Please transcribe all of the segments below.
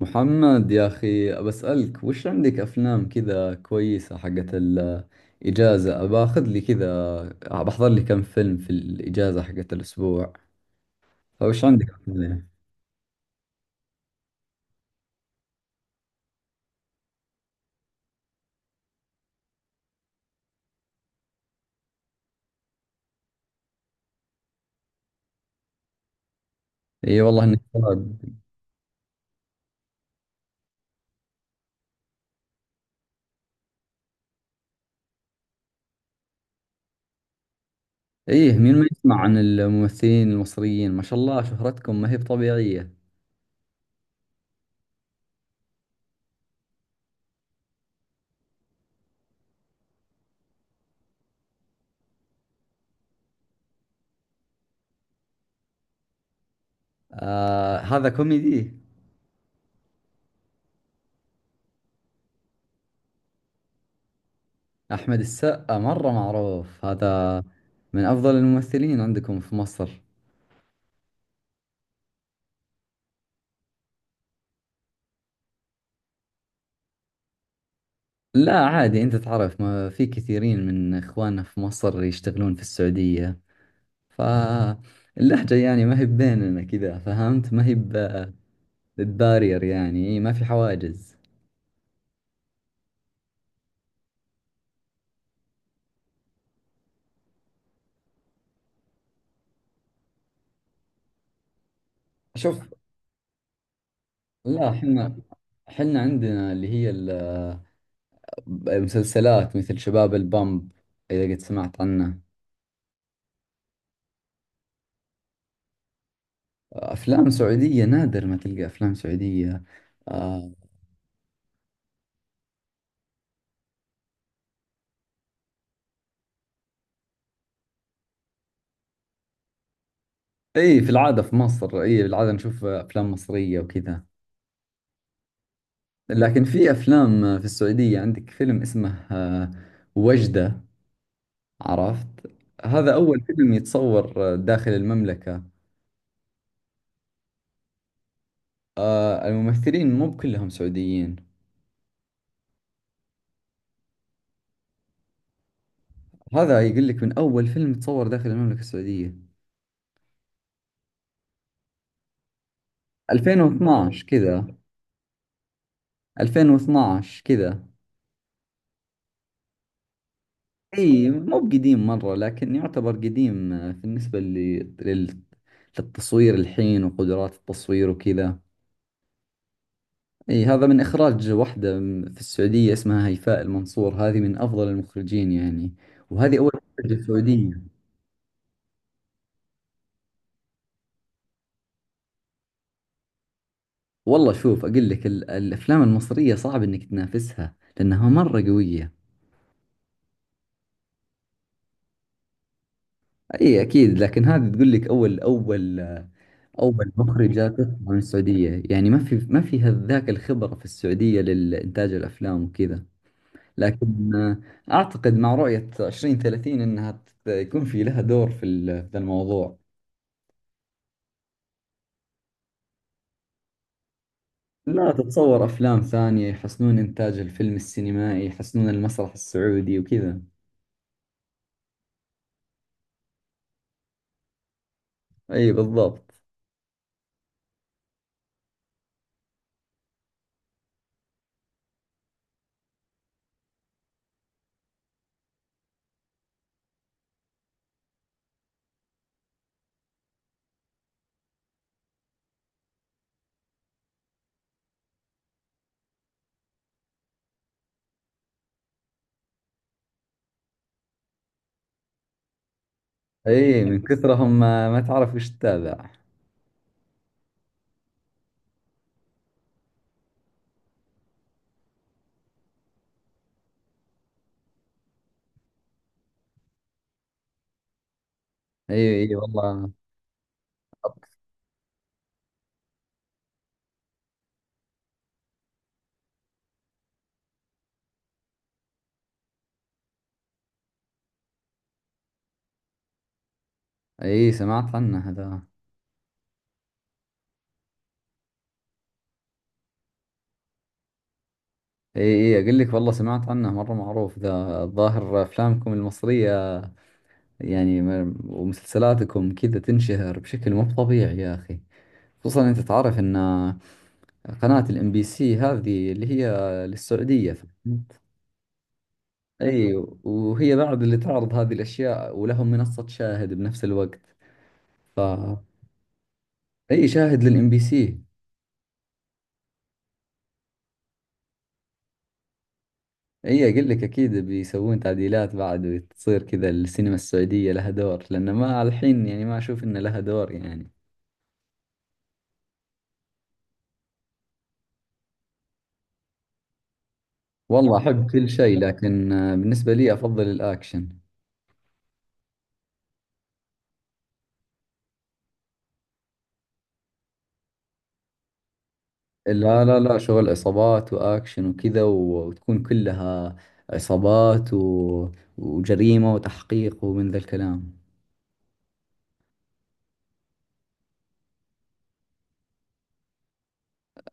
محمد يا أخي بسألك وش عندك أفلام كذا كويسة حقت الإجازة؟ باخذ لي كذا، بحضر لي كم فيلم في الإجازة حقت الأسبوع. فوش عندك أفلام؟ إي والله إنك شاب. إيه، مين ما يسمع عن الممثلين المصريين؟ ما شاء الله، شهرتكم ما هي بطبيعية. آه، هذا كوميدي. أحمد السقا مرة معروف هذا، من أفضل الممثلين عندكم في مصر. لا عادي، انت تعرف ما في كثيرين من اخواننا في مصر يشتغلون في السعودية، فاللهجة يعني ما هي بيننا كذا، فهمت؟ ما هي ببارير، يعني ما في حواجز. شوف، لا حنا، حنا عندنا مسلسلات مثل شباب البامب، إذا قد سمعت عنه. أفلام سعودية نادر ما تلقى أفلام سعودية. آه، إي في العادة في مصر، إي في العادة نشوف أفلام مصرية وكذا. لكن في افلام في السعوديه، عندك فيلم اسمه وجده، عرفت؟ هذا اول فيلم يتصور داخل المملكه. آه، الممثلين مو كلهم سعوديين. هذا يقول لك من اول فيلم تصور داخل المملكه السعوديه، 2012 كذا. 2012 كذا. اي مو بقديم مره، لكن يعتبر قديم بالنسبه للتصوير الحين وقدرات التصوير وكذا. اي هذا من اخراج واحدة في السعودية، اسمها هيفاء المنصور، هذه من افضل المخرجين يعني. وهذه اول مخرجة سعودية. والله شوف، اقول لك الافلام المصرية صعب انك تنافسها لانها مرة قوية. اي اكيد، لكن هذه تقول لك اول، اول، اول مخرجة تطلع من السعودية، يعني ما في ذاك الخبرة في السعودية للانتاج الافلام وكذا. لكن آه، اعتقد مع رؤية 2030 انها يكون في لها دور في في الموضوع. لا تتصور أفلام ثانية، يحسنون إنتاج الفيلم السينمائي، يحسنون المسرح السعودي وكذا. أي بالضبط. أي من كثرهم ما تعرف وش تتابع. أي أي والله. أي سمعت عنه هذا. أي أي، أقول لك والله سمعت عنه، مرة معروف ذا، الظاهر أفلامكم المصرية يعني ومسلسلاتكم كذا تنشهر بشكل مو طبيعي يا أخي. خصوصا أنت تعرف أن قناة الإم بي سي هذه اللي هي للسعودية. ايوه، وهي بعد اللي تعرض هذه الاشياء، ولهم منصة شاهد بنفس الوقت. ف اي شاهد للام بي سي. اي اقول لك اكيد بيسوون تعديلات بعد وتصير كذا، السينما السعودية لها دور، لان ما الحين يعني ما اشوف ان لها دور يعني. والله احب كل شيء، لكن بالنسبة لي افضل الاكشن. لا لا لا، شغل عصابات واكشن وكذا، وتكون كلها عصابات وجريمة وتحقيق ومن ذا الكلام.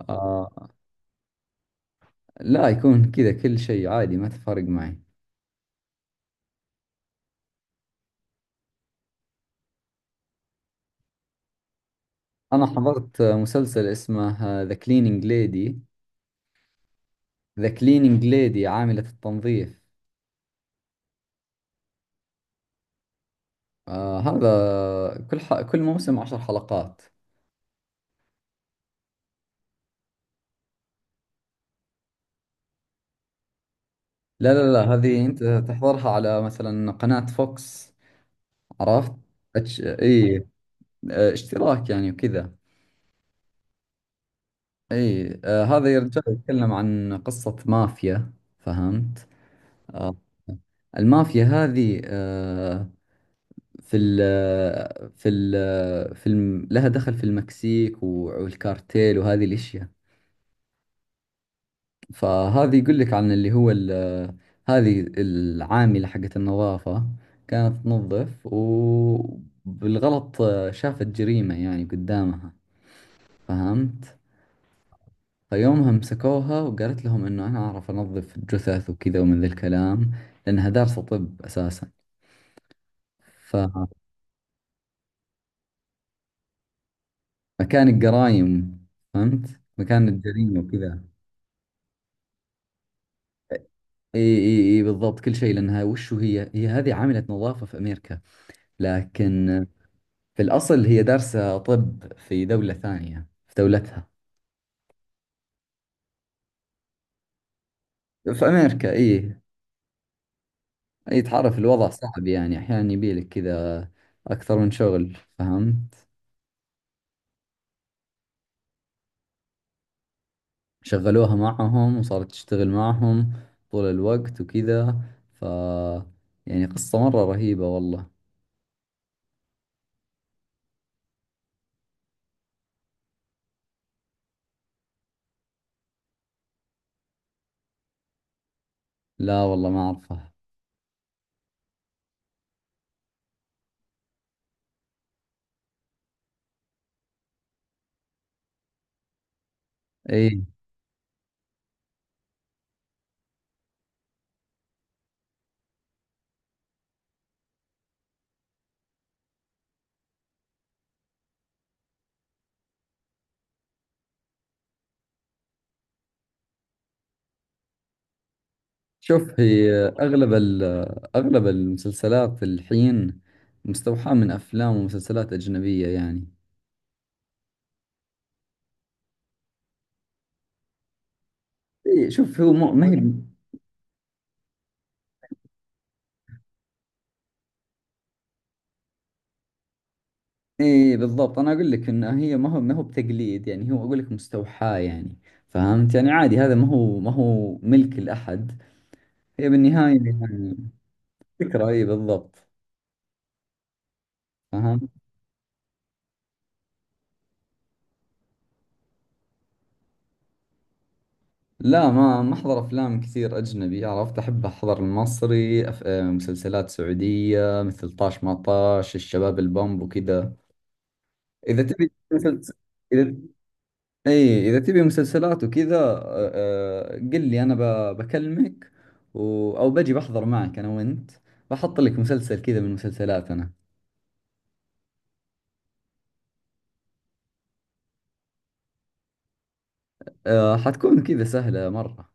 آه. لا يكون كذا كل شيء عادي، ما تفرق معي. أنا حضرت مسلسل اسمه ذا كلينينج ليدي. ذا كلينينج ليدي، عاملة التنظيف. آه هذا كل موسم عشر حلقات. لا لا لا، هذه أنت تحضرها على مثلا قناة فوكس، عرفت؟ إي آه، اشتراك يعني وكذا. إي آه، هذا يرجع يتكلم عن قصة مافيا، فهمت؟ آه المافيا هذه آه، في ال في ال في الم... لها دخل في المكسيك والكارتيل وهذه الاشياء. فهذه يقول لك عن هذه العاملة حقت النظافة كانت تنظف، وبالغلط شافت جريمة يعني قدامها، فهمت؟ فيومها مسكوها وقالت لهم انه انا اعرف انظف جثث وكذا ومن ذا الكلام، لانها دارسة طب اساسا. فمكان الجرايم، فهمت؟ مكان الجريمة وكذا. اي اي اي بالضبط، كل شيء، لانها وشو هي هذه عاملة نظافة في امريكا، لكن في الاصل هي دارسة طب في دولة ثانية، في دولتها. في امريكا اي. اي تعرف الوضع صعب يعني، احيانا يبيلك كذا اكثر من شغل، فهمت؟ شغلوها معهم وصارت تشتغل معهم طول الوقت وكذا. ف يعني قصة مرة رهيبة والله. لا والله ما اعرفها. اي شوف، هي أغلب المسلسلات الحين مستوحاة من أفلام ومسلسلات أجنبية يعني. إيه شوف، ما هي والله. إيه بالضبط، أنا أقول لك إن هي ما هو بتقليد يعني، هو أقول لك مستوحاة يعني، فهمت؟ يعني عادي، هذا ما هو ملك لأحد، هي بالنهاية يعني فكرة إيه بالضبط، فهمت؟ لا ما أحضر أفلام كثير أجنبي، عرفت؟ أحب أحضر المصري، أف... آه، مسلسلات سعودية مثل طاش ما طاش، الشباب البومب وكذا. اذا تبي مسلس-، اذا اي اذا تبي مسلسلات وكذا، قل لي انا بكلمك او بجي بحضر معك انا وانت، بحط لك مسلسل كذا من مسلسلاتنا. آه، حتكون كذا سهلة مرة.